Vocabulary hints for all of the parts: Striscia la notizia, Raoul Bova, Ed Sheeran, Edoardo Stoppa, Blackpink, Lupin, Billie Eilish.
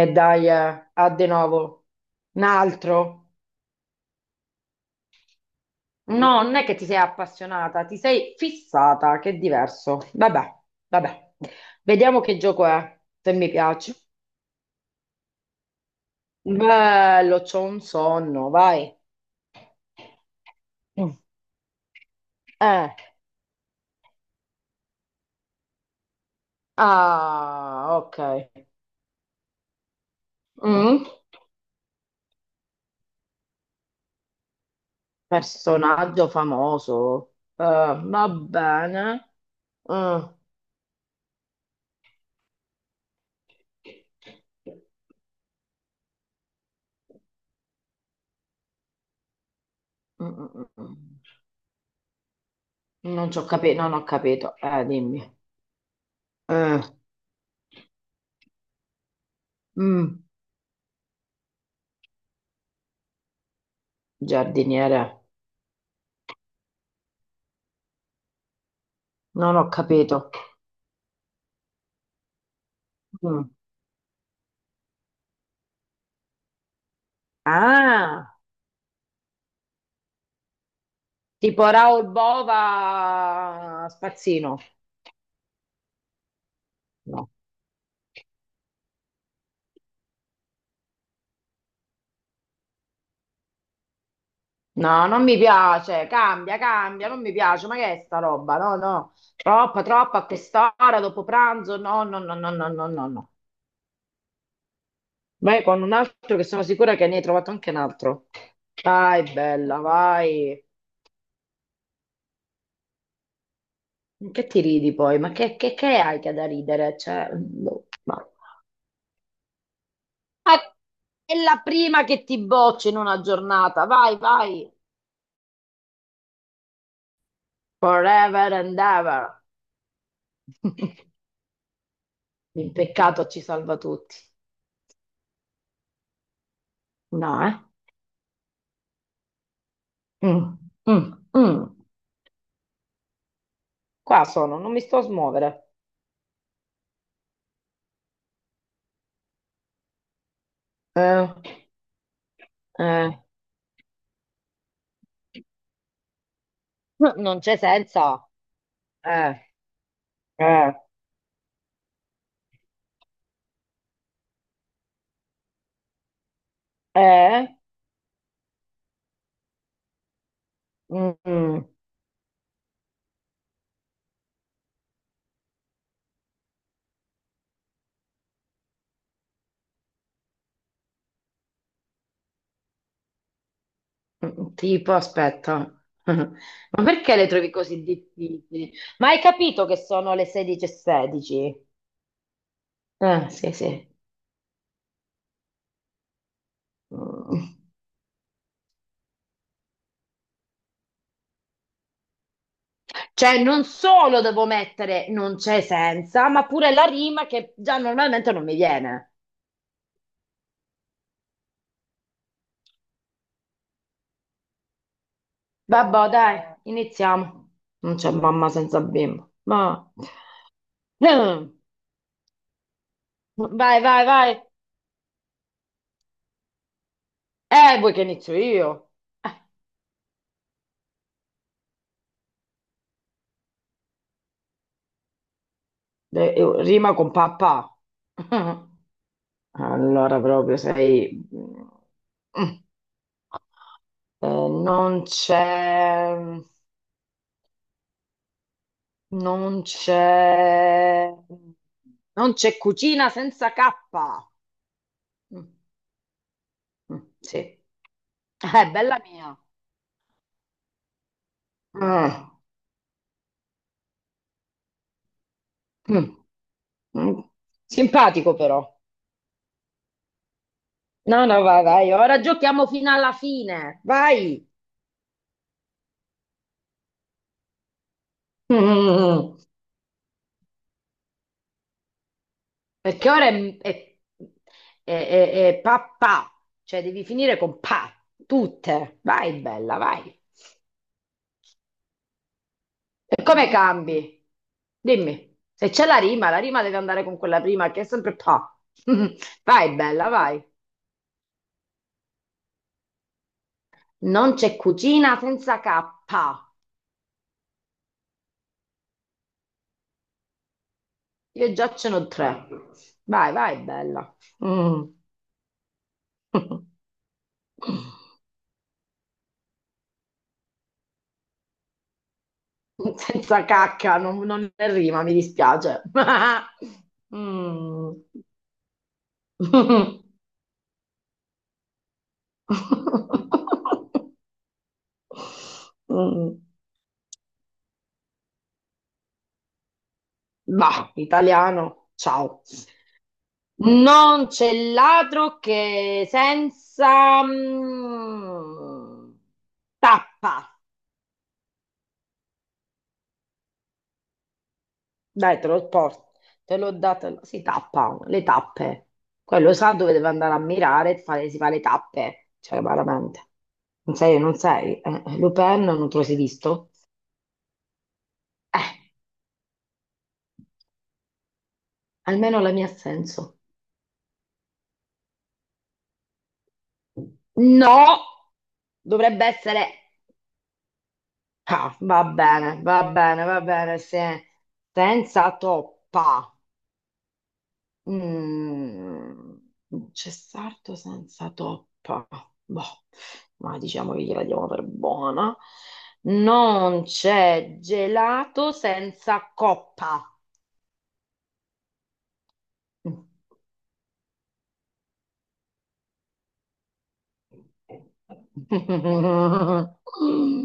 E dai, a de novo. Un altro? No, non è che ti sei appassionata, ti sei fissata, che è diverso. Vabbè, vabbè. Vediamo che gioco è, se mi piace. Bello, c'ho un sonno, vai. Mm. Eh. Ah, ok. Mm. Personaggio famoso. Va bene. Mm. Mm, mm, mm. Non ho capito. Dimmi. Eh, mm, giardiniere. Non ho capito. Mm. Ah, tipo Raoul Bova Spazzino. No. No, non mi piace. Cambia, cambia, non mi piace. Ma che è sta roba? No, no. Troppa, troppa a quest'ora, dopo pranzo. No, no, no, no, no, no, no, no. Vai con un altro che sono sicura che ne hai trovato anche un altro. Vai, bella, vai. Che ti ridi poi? Ma che hai che da ridere? Cioè, boh, ma... Ah, è la prima che ti boccio in una giornata. Vai, vai. Forever and ever. Il peccato ci salva tutti. No, eh? Mm, mm, mm. Qua sono, non mi sto a smuovere. Eh, eh. Non c'è senso. Eh, eh, eh. Mm, mm. Mm, tipo, aspetta, ma perché le trovi così difficili? Ma hai capito che sono le 16:16? Ah, sì, sì. Mm. Cioè, non solo devo mettere non c'è senza, ma pure la rima che già normalmente non mi viene. Vabbè, dai, iniziamo. Non c'è mamma senza bimbo. Ma... Mm. Vai, vai, vai. Vuoi che inizio io? Rima con papà. Allora proprio sei... Mm. Eh, non c'è... Non c'è... Non c'è cucina senza K. Mm, mm, sì. Bella mia. Ah, mm, mm. Simpatico però. No, no, vai, vai. Ora giochiamo fino alla fine. Vai. Mm. Perché ora è pa pa, cioè devi finire con pa, tutte. Vai, bella, vai. E come cambi? Dimmi, se c'è la rima deve andare con quella prima che è sempre pa. Vai, bella, vai. Non c'è cucina senza K. Io già ce n'ho tre. Vai, vai, bella. Mm. Senza cacca, non è rima, mi dispiace. Mm. Mm, bah, italiano, ciao. Non c'è ladro che senza tappa. Dai, te lo porto. Te l'ho data. Si tappa, le tappe. Quello sa dove deve andare a mirare e fare, si fa le tappe. Cioè, veramente. Non sei, non sei. Lupin non te lo sei visto? Eh, almeno la mia ha senso. No! Dovrebbe essere... Ah, va bene, va bene, va bene, se- senza toppa. Mm, c'è sarto senza toppa. Boh, ma diciamo che gliela diamo per buona. Non c'è gelato senza coppa.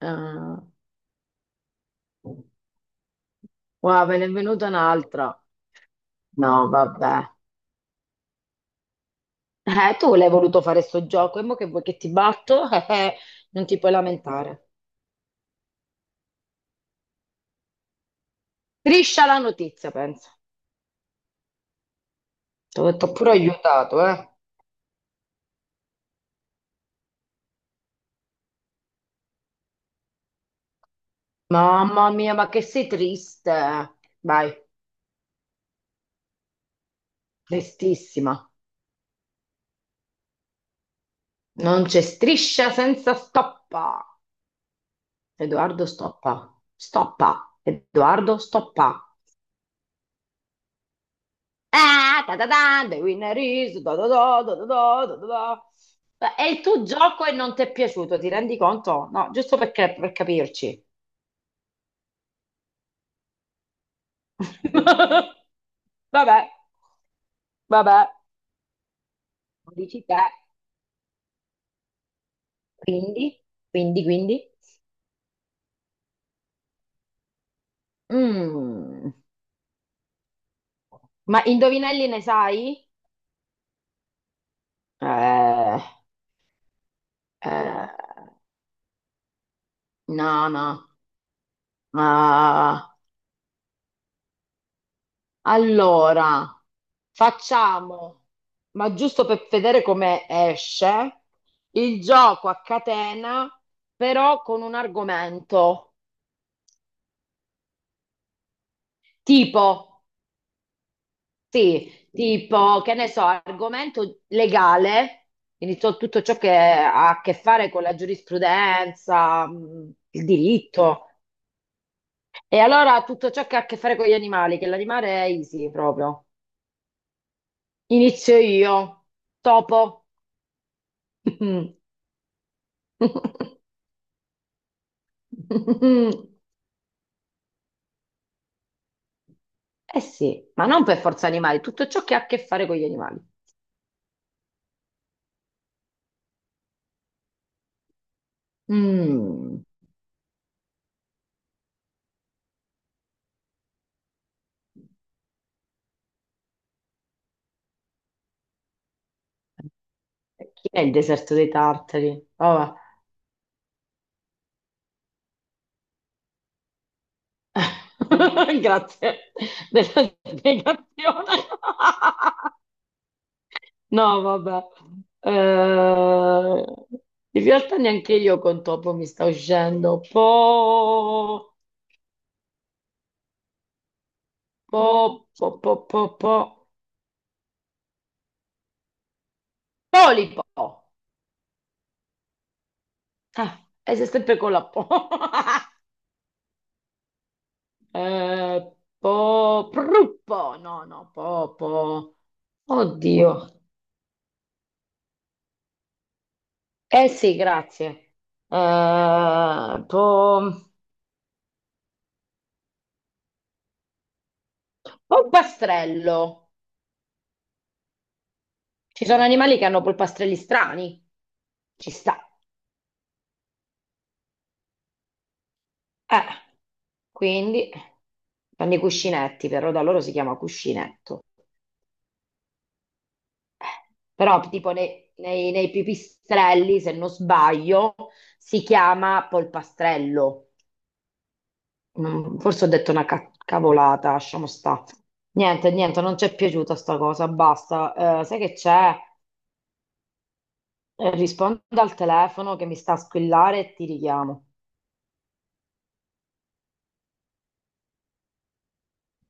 Ah, guarda, me ne è venuta un'altra. No, vabbè. Tu l'hai voluto fare sto gioco, e mo che vuoi che ti batto? Non ti puoi lamentare. Striscia la notizia, penso. Ti ho detto pure aiutato, eh? Mamma mia, ma che sei triste. Vai, tristissima. Non c'è striscia senza stoppa. Edoardo stoppa. Stoppa. Edoardo stoppa. Ah, ta ta ta, the winner is da da da da da da da da da. Beh, è il tuo gioco e non ti è piaciuto, ti rendi conto? No, giusto perché, per capirci. Vabbè, vabbè, lo dici te. Quindi, quindi, quindi. Mm. Ma indovinelli ne sai? Eh, eh, no, no. Ah, allora, facciamo, ma giusto per vedere come esce, il gioco a catena, però con un argomento. Tipo, sì, tipo, che ne so, argomento legale, quindi tutto ciò che ha a che fare con la giurisprudenza, il diritto, e allora tutto ciò che ha a che fare con gli animali, che l'animale è easy proprio. Inizio io, topo. Eh sì, ma non per forza animali, tutto ciò che ha a che fare con gli animali. Mm. Chi è il deserto dei tartari? Oh, grazie della spiegazione. No, vabbè. Eh, in realtà neanche io con topo mi sta uscendo. Po, po, po, po, po, po. Polipo. Ah, e sei sempre con la po. Po, pruppo. No, no, po, po. Oddio. Eh sì, grazie. Po. Polpastrello. Ci sono animali che hanno polpastrelli strani. Ci sta. Eh, quindi fanno i cuscinetti, però da loro si chiama cuscinetto. Però tipo nei pipistrelli, se non sbaglio, si chiama polpastrello. Mm, forse ho detto una cavolata, lasciamo sta. Niente, niente, non ci è piaciuta sta cosa, basta. Sai che c'è? Rispondo al telefono che mi sta a squillare e ti richiamo.